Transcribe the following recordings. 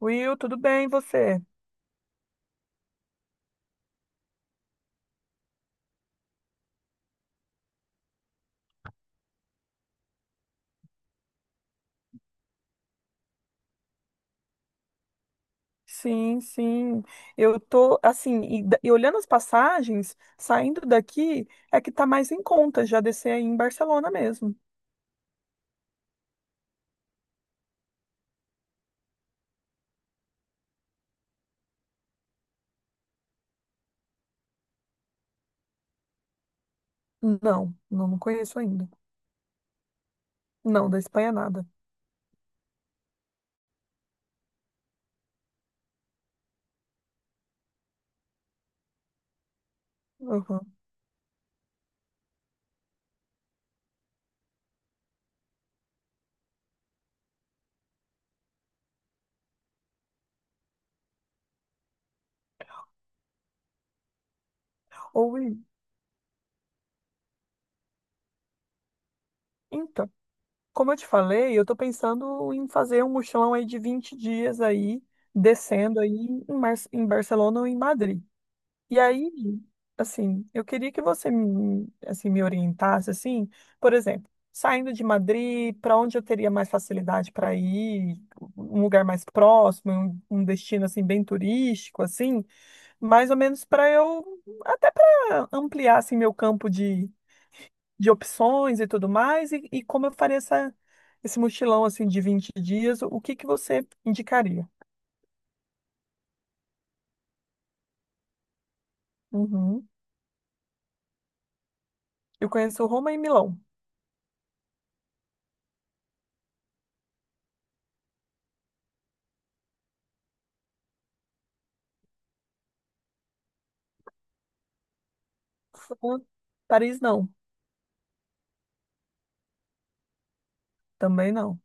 Will, tudo bem, e você? Sim, sim. Eu tô assim, e olhando as passagens, saindo daqui, é que tá mais em conta já descer aí em Barcelona mesmo. Não, não conheço ainda. Não, da Espanha nada. Uhum. Ou e- então, como eu te falei, eu tô pensando em fazer um mochilão aí de 20 dias aí, descendo aí em Barcelona ou em Madrid. E aí, assim, eu queria que você me, assim, me orientasse, assim, por exemplo, saindo de Madrid, para onde eu teria mais facilidade para ir, um lugar mais próximo, um destino assim bem turístico, assim, mais ou menos para eu até para ampliar assim meu campo de opções e tudo mais, e como eu faria essa, esse mochilão assim de 20 dias, o que que você indicaria? Uhum. Eu conheço Roma e Milão. Fran- Paris não, também não.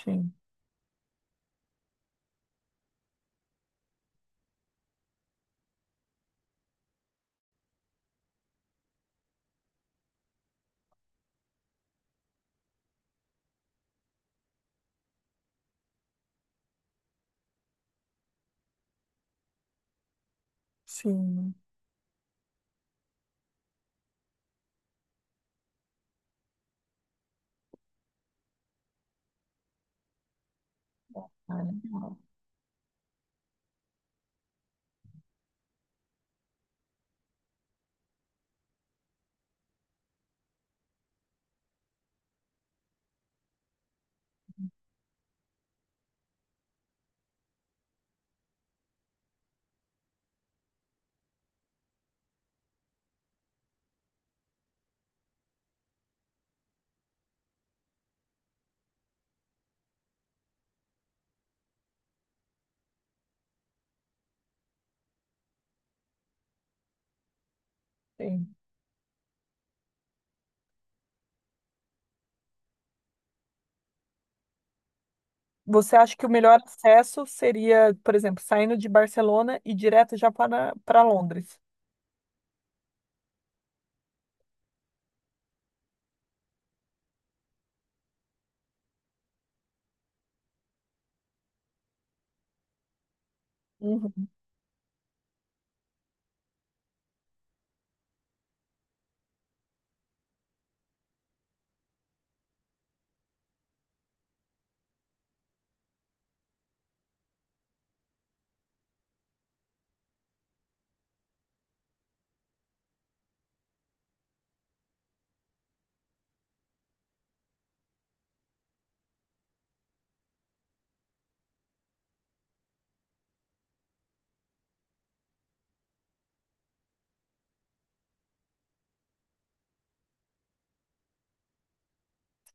Sim, sim, cara, sim. Você acha que o melhor acesso seria, por exemplo, saindo de Barcelona e direto já para, para Londres? Uhum.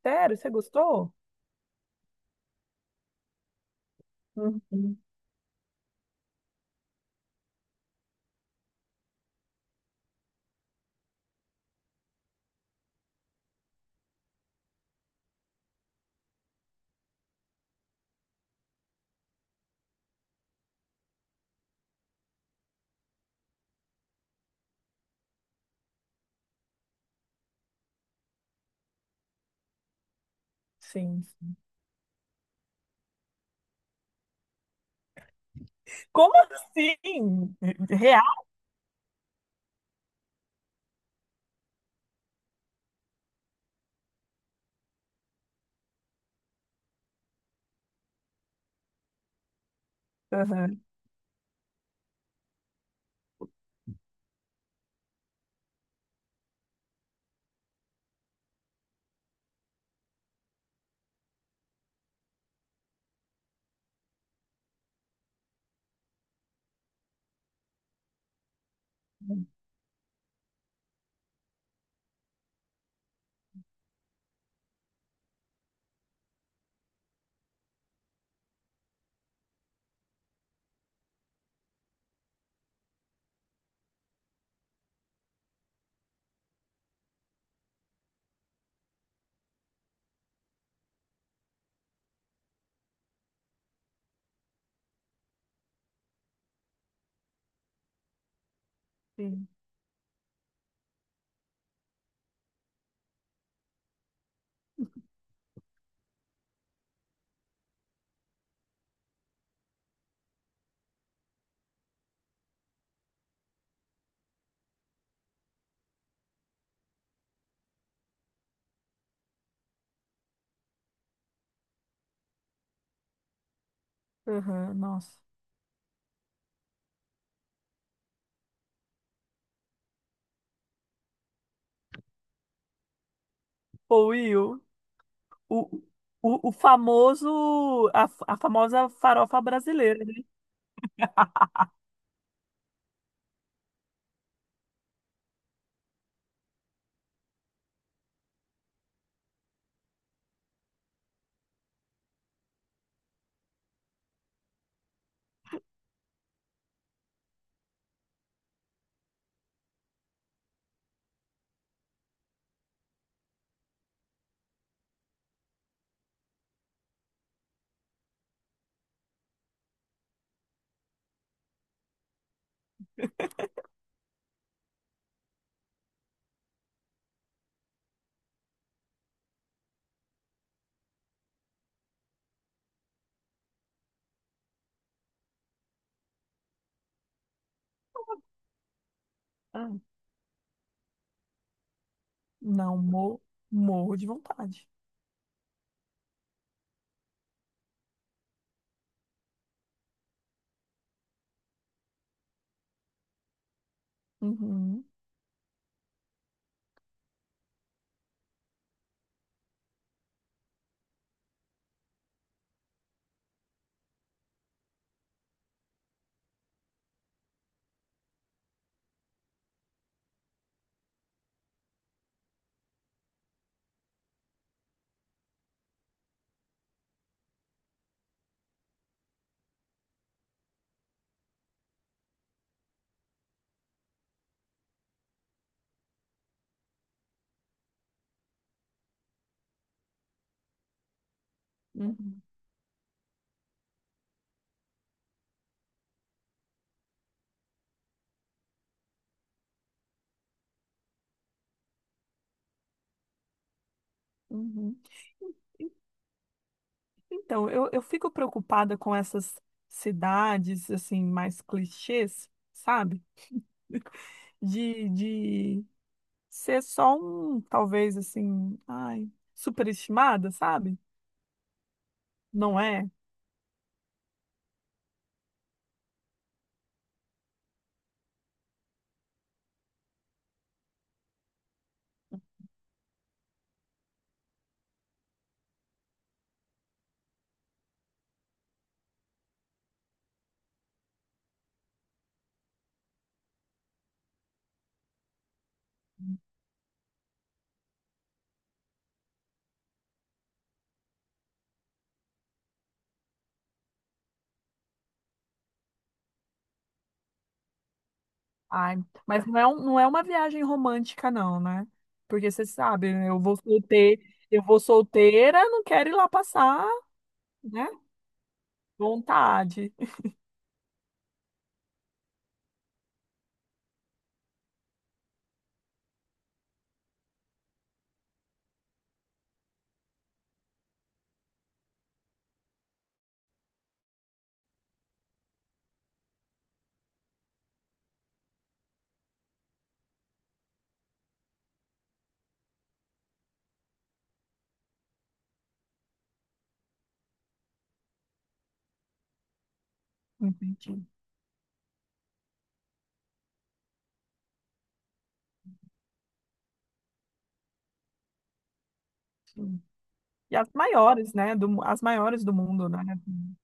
Sério, você gostou? Uhum. Sim, sim. Como assim? Real? Aham. Sim. Aham, nossa. Ô, Will, o, o famoso, a famosa farofa brasileira, né? Não, morro de vontade. Uhum, uhum, uhum. Então, eu fico preocupada com essas cidades, assim, mais clichês, sabe? De ser só um, talvez, assim, ai, superestimada, sabe? Não é? Ai, não é uma viagem romântica, não, né? Porque você sabe, né, eu vou solteira, não quero ir lá passar, né? Vontade. Entendi. E as maiores, né? Do, as maiores do mundo, né? Assim.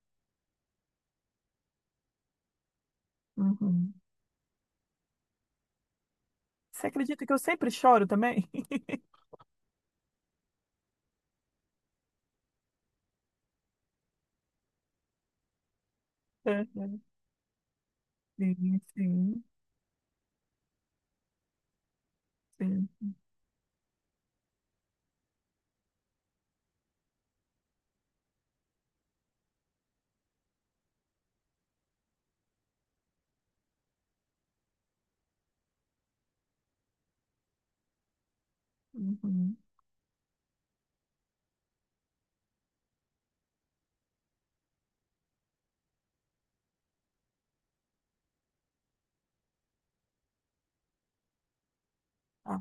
Uhum. Você acredita que eu sempre choro também? É, é. Sim, sim, sim. Uhum. Ah,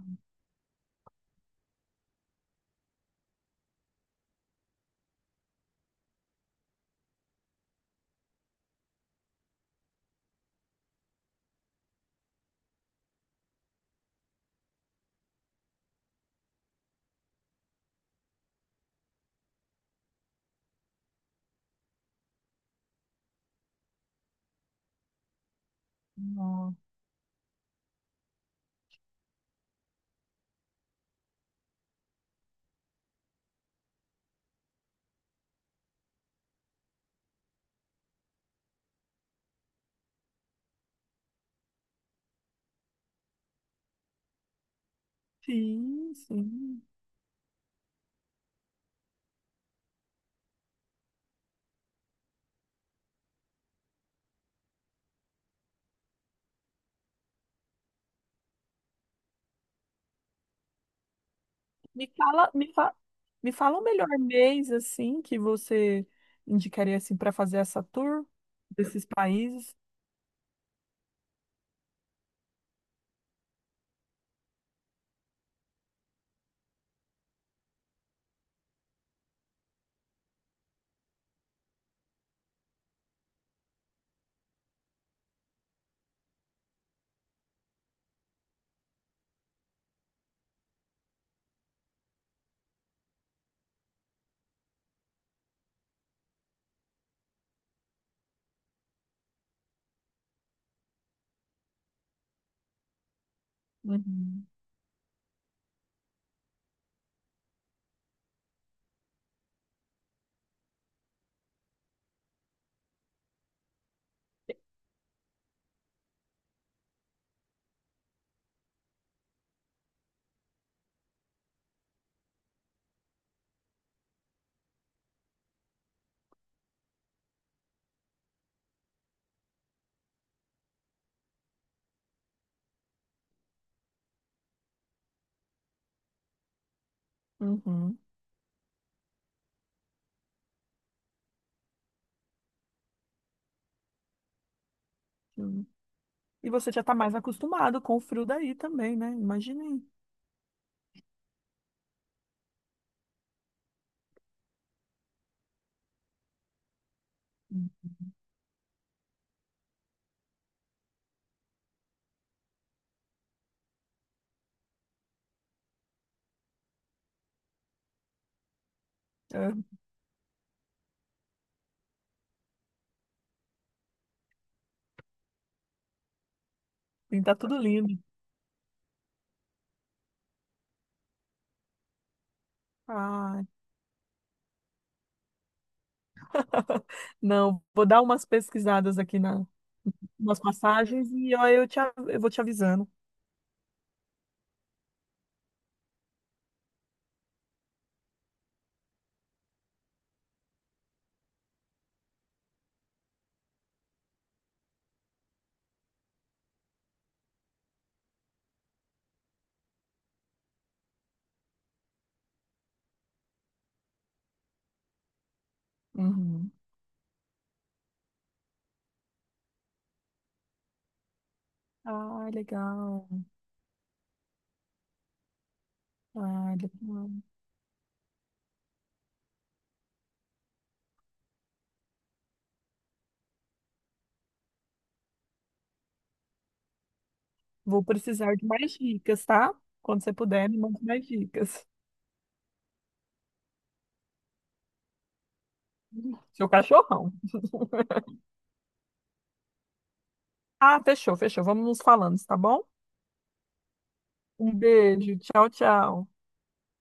nossa. Sim, sim. Me fala, me fala o melhor mês assim que você indicaria assim para fazer essa tour desses países. Uhum. Uhum. Sim. E você já está mais acostumado com o frio daí também, né? Imaginei. É. Sim, tá tudo lindo. Ah, não, vou dar umas pesquisadas aqui na, nas passagens e ó, eu vou te avisando. Uhum. Ah, legal. Ah, legal. Vou precisar de mais dicas, tá? Quando você puder, me manda mais dicas. Seu cachorrão. Ah, fechou, fechou. Vamos nos falando, tá bom? Um beijo. Tchau, tchau.